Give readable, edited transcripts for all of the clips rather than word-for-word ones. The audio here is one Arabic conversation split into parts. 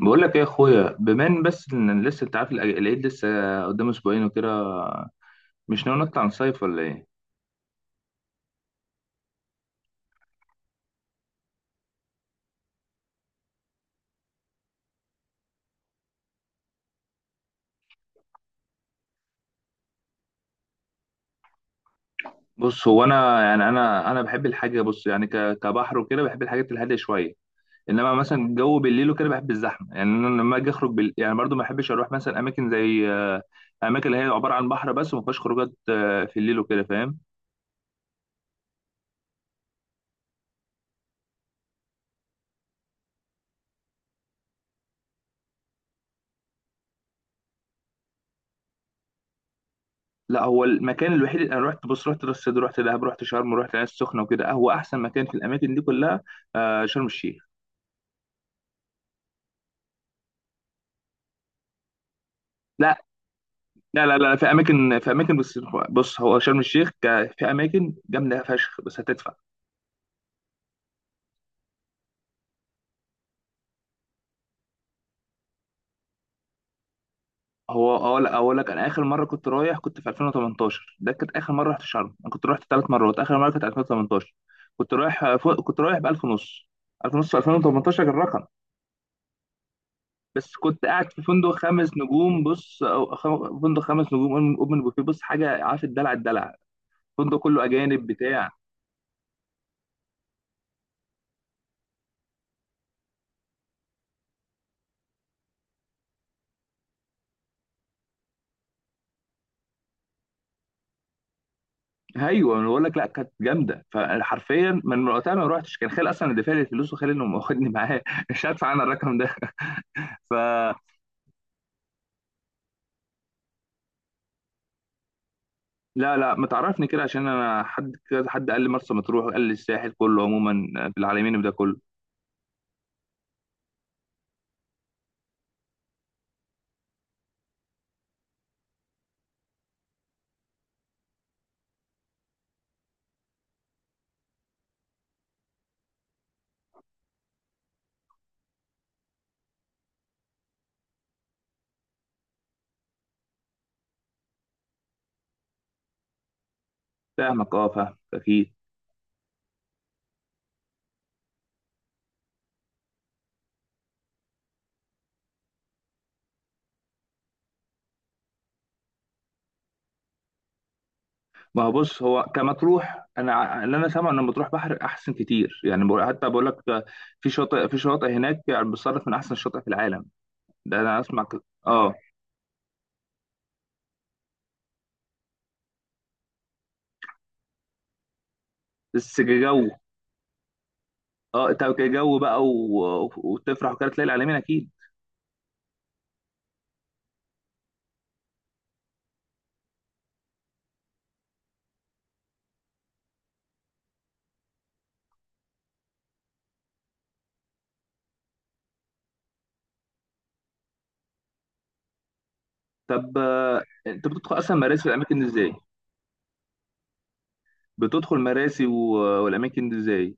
بقول لك ايه يا اخويا، بما ان بس ان لسه انت عارف، العيد لسه قدام اسبوعين وكده. مش ناوي نطلع نصيف ولا ايه؟ بص، هو انا يعني انا بحب الحاجه، بص، يعني كبحر وكده، بحب الحاجات الهاديه شويه. انما مثلا الجو بالليل وكده بحب الزحمه، يعني انا لما اجي اخرج بال... يعني برضو ما بحبش اروح مثلا اماكن زي اماكن اللي هي عباره عن بحر بس وما فيهاش خروجات في الليل وكده، فاهم؟ لا، هو المكان الوحيد اللي انا رحت، بص، رحت راس سدر، رحت دهب، رحت شرم، رحت العين السخنه وكده، هو احسن مكان في الاماكن دي كلها شرم الشيخ. لا لا لا لا، في اماكن بس. بص هو شرم الشيخ، في اماكن جامده فشخ، بس هتدفع. هو اقول لك، انا اخر مره كنت رايح كنت في 2018، ده كانت اخر مره رحت شرم، انا كنت رحت 3 مرات، اخر مره كانت 2018. كنت رايح فوق، كنت رايح ب 1000 ونص. 1000 ونص في 2018 كان رقم. بس كنت قاعد في فندق 5 نجوم، بص، فندق خمس نجوم، اوبن أوبن بوفيه، بص حاجه، عارف، الدلع الدلع، فندق كله اجانب بتاع. ايوه انا بقول لك، لا كانت جامده فحرفيا من وقتها ما روحتش، كان خالي اصلا اللي دافع لي الفلوس، وخالي اللي واخدني معاه مش هدفع انا الرقم ده. ف... لا لا، ما تعرفني كده، عشان انا حد كذا حد قال لي مرسى مطروح، وقال لي الساحل كله عموما في العالمين ده كله. فاهمك، اه، فاهمك اكيد. ما هو بص، هو كمطروح، انا اللي انا سامع ان مطروح بحر احسن كتير، يعني حتى بقول لك ده، في شاطئ هناك يعني بتصنف من احسن الشاطئ في العالم، ده انا اسمع كده، اه. بس جو، اه، انت جو بقى وتفرح وكده تلاقي العالمين اكيد. طب انت بتدخل اصلا مراسي في الاماكن دي ازاي؟ بتدخل مراسي والاماكن دي ازاي؟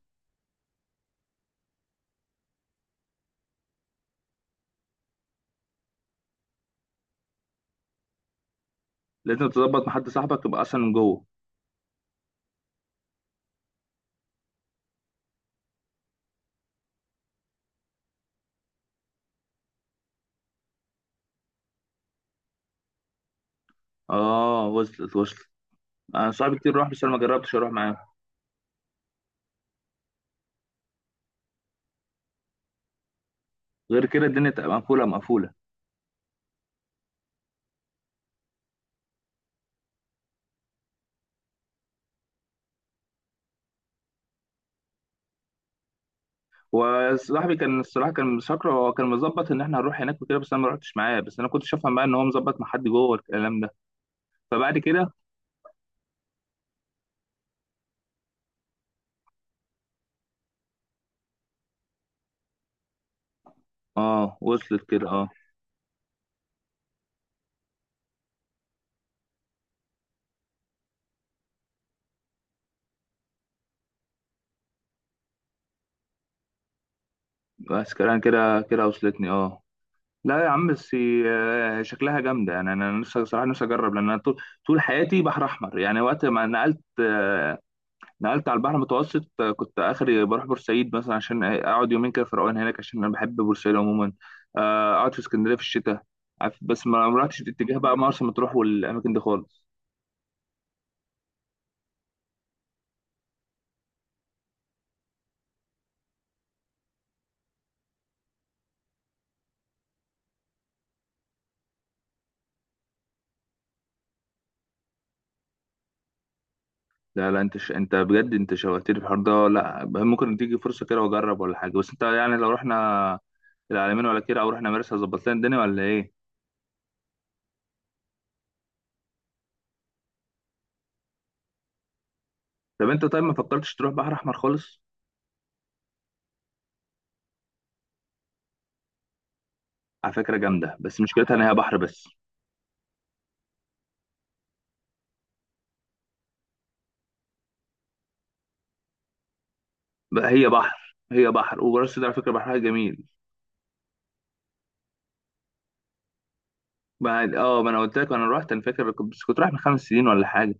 لازم تظبط مع حد، صاحبك تبقى اصلا من جوه. اه، وصلت. انا صاحبي كتير راح، بس انا ما جربتش اروح معاه. غير كده الدنيا تبقى مقفوله مقفوله. وصاحبي كان الصراحه كان مسكر، هو كان مظبط ان احنا هنروح هناك وكده، بس انا ما رحتش معاه، بس انا كنت شايفها بقى ان هو مظبط مع حد جوه الكلام ده. فبعد كده، اه وصلت كده، اه. بس كده كده كده وصلتني، اه. لا يا عم، بس شكلها جامده، يعني انا نفسي صراحه، نفسي اجرب، لان انا طول حياتي بحر احمر، يعني وقت ما نقلت، نقلت على البحر المتوسط، كنت اخري بروح بورسعيد مثلا عشان اقعد يومين كده في روقان هناك، عشان انا بحب بورسعيد عموما، اقعد في اسكندريه في الشتاء، عارف، بس ما رحتش اتجاه بقى مرسى مطروح والاماكن دي خالص. لا لا، انت بجد انت شوقتني في الحوار ده. لا، ممكن تيجي فرصه كده واجرب ولا حاجه، بس انت يعني لو رحنا العلمين ولا كده، او رحنا مرسى، ظبط لنا الدنيا ولا ايه؟ طب انت، طيب، ما فكرتش تروح بحر احمر خالص؟ على فكره جامده، بس مشكلتها ان هي بحر بس. بقى هي بحر، هي بحر، وراس سدر على فكره بحرها جميل. بعد ما انا قلت لك انا رحت، انا فاكر بس كنت رايح من 5 سنين ولا حاجه.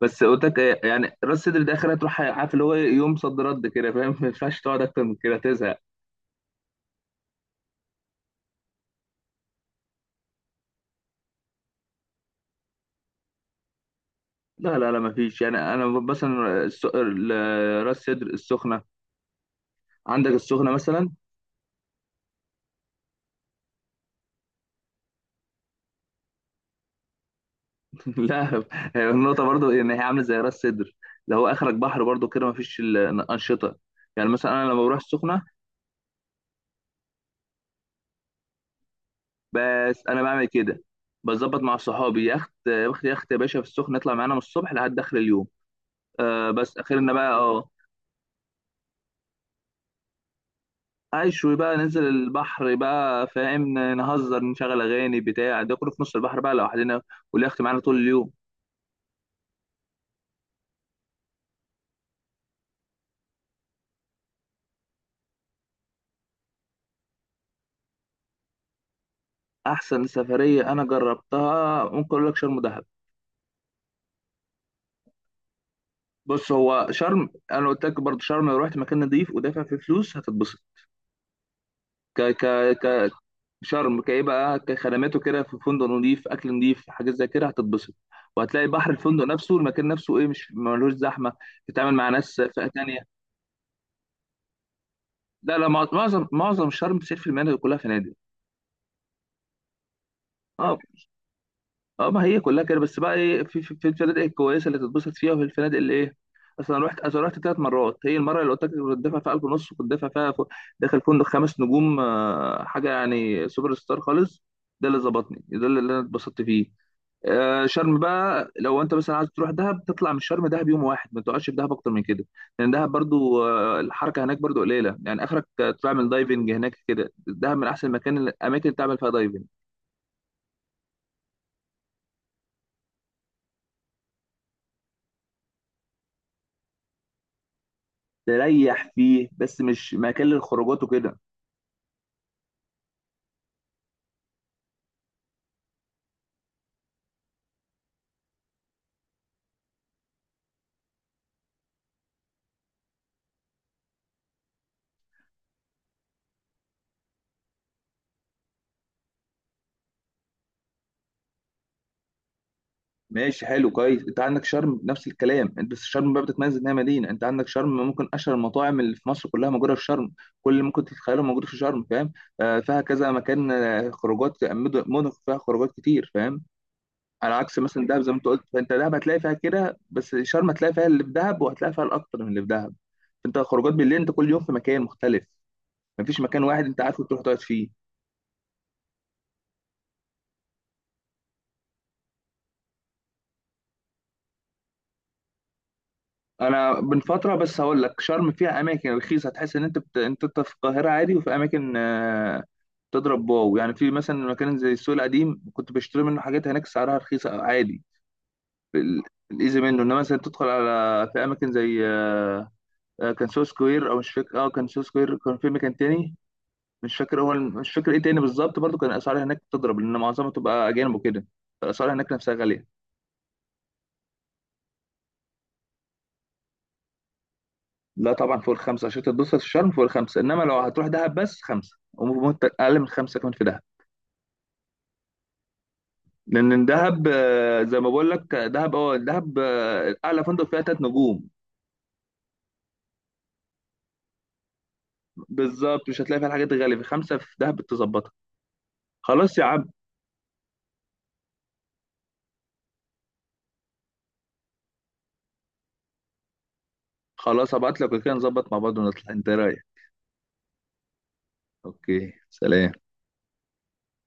بس قلت لك ايه، يعني راس سدر ده اخرها تروح، عارف، اللي هو يوم صد رد كده فاهم ما ينفعش تقعد اكتر من كده، تزهق. لا لا لا، ما فيش، يعني انا مثلا، راس سدر، السخنه، عندك السخنه مثلا. لا، هي النقطة برضو إن هي عاملة زي راس سدر. ده هو آخرك بحر برضو كده، مفيش الأنشطة. يعني مثلا أنا لما بروح السخنة، بس أنا بعمل كده، بظبط مع صحابي، يخت يخت يخت يا باشا، في السخنة يطلع معانا من الصبح لحد آخر اليوم. بس آخرنا بقى، أه، أشوي بقى ننزل البحر بقى، فاهم، نهزر، نشغل أغاني بتاع ده كله في نص البحر بقى لوحدنا، واليخت معانا طول اليوم. أحسن سفرية أنا جربتها، ممكن أقول لك شرم. بص هو شرم، انا قلت لك برضه شرم لو رحت مكان نظيف ودافع فيه فلوس هتتبسط. ك ك ك شرم كايه بقى، كخدماته كده، في فندق نظيف، اكل نظيف، حاجات زي كده، هتتبسط. وهتلاقي بحر الفندق نفسه، المكان نفسه، ايه، مش ملوش زحمه، تتعامل مع ناس فئه تانيه. لا لا، معظم شرم 90% من المناطق كلها فنادق. اه، اه، ما هي كلها كده، بس بقى ايه، في الفنادق الكويسه اللي تتبسط فيها، وفي الفنادق اللي ايه. اصل انا رحت اصل رحت ثلاث مرات، هي المره اللي قلت لك كنت دافع فيها 1000 ونص، كنت دافع فيها فوق، داخل فندق خمس نجوم، حاجه يعني سوبر ستار خالص، ده اللي ظبطني، ده اللي انا اتبسطت فيه. شرم بقى لو انت مثلا عايز تروح دهب، تطلع من شرم دهب يوم واحد، ما تقعدش في دهب اكتر من كده، لان دهب برضو، الحركه هناك برضو قليله، يعني اخرك تعمل دايفنج هناك كده، دهب من احسن الاماكن اللي تعمل فيها دايفنج. تريح فيه، بس مش مكان للخروجات وكده. ماشي، حلو، كويس. انت عندك شرم نفس الكلام، انت بس شرم بقى بتتميز انها مدينه، انت عندك شرم ممكن اشهر المطاعم اللي في مصر كلها موجوده في شرم، كل اللي ممكن تتخيله موجود في شرم، فاهم. فيها كذا مكان، خروجات، مدن فيها خروجات كتير، فاهم. على عكس مثلا دهب، زي ما انت قلت، فانت دهب هتلاقي فيها كده بس، شرم هتلاقي فيها اللي في دهب، وهتلاقي فيها الاكتر من اللي في دهب. انت خروجات بالليل انت كل يوم في مكان مختلف، مفيش مكان واحد انت عارفه تروح تقعد فيه. انا من فتره، بس هقول لك شرم فيها اماكن رخيصه هتحس ان انت انت في القاهره عادي، وفي اماكن تضرب واو، يعني في مثلا مكان زي السوق القديم كنت بشتري منه حاجات هناك سعرها رخيصه عادي، ال- الايزي منه. انما مثلا تدخل على في اماكن زي كان سو سكوير، او مش فاكر، اه، كان سو سكوير، كان في مكان تاني مش فاكر، هو مش فاكر ايه تاني بالظبط، برضو كان الاسعار هناك تضرب لان معظمها تبقى اجانب وكده، فالاسعار هناك نفسها غاليه. لا طبعا فوق الخمسة عشان تتبسط في الشرم فوق الخمسة، إنما لو هتروح دهب بس خمسة، وممكن أقل من خمسة كمان في دهب. لأن دهب، زي ما بقول لك، دهب أعلى فندق فيها 3 نجوم. بالظبط، مش هتلاقي فيها الحاجات الغالية، في خمسة في دهب تظبطها. خلاص يا عم. خلاص هبعت لك وكده نظبط مع بعض ونطلع. أنت رايح. أوكي سلام.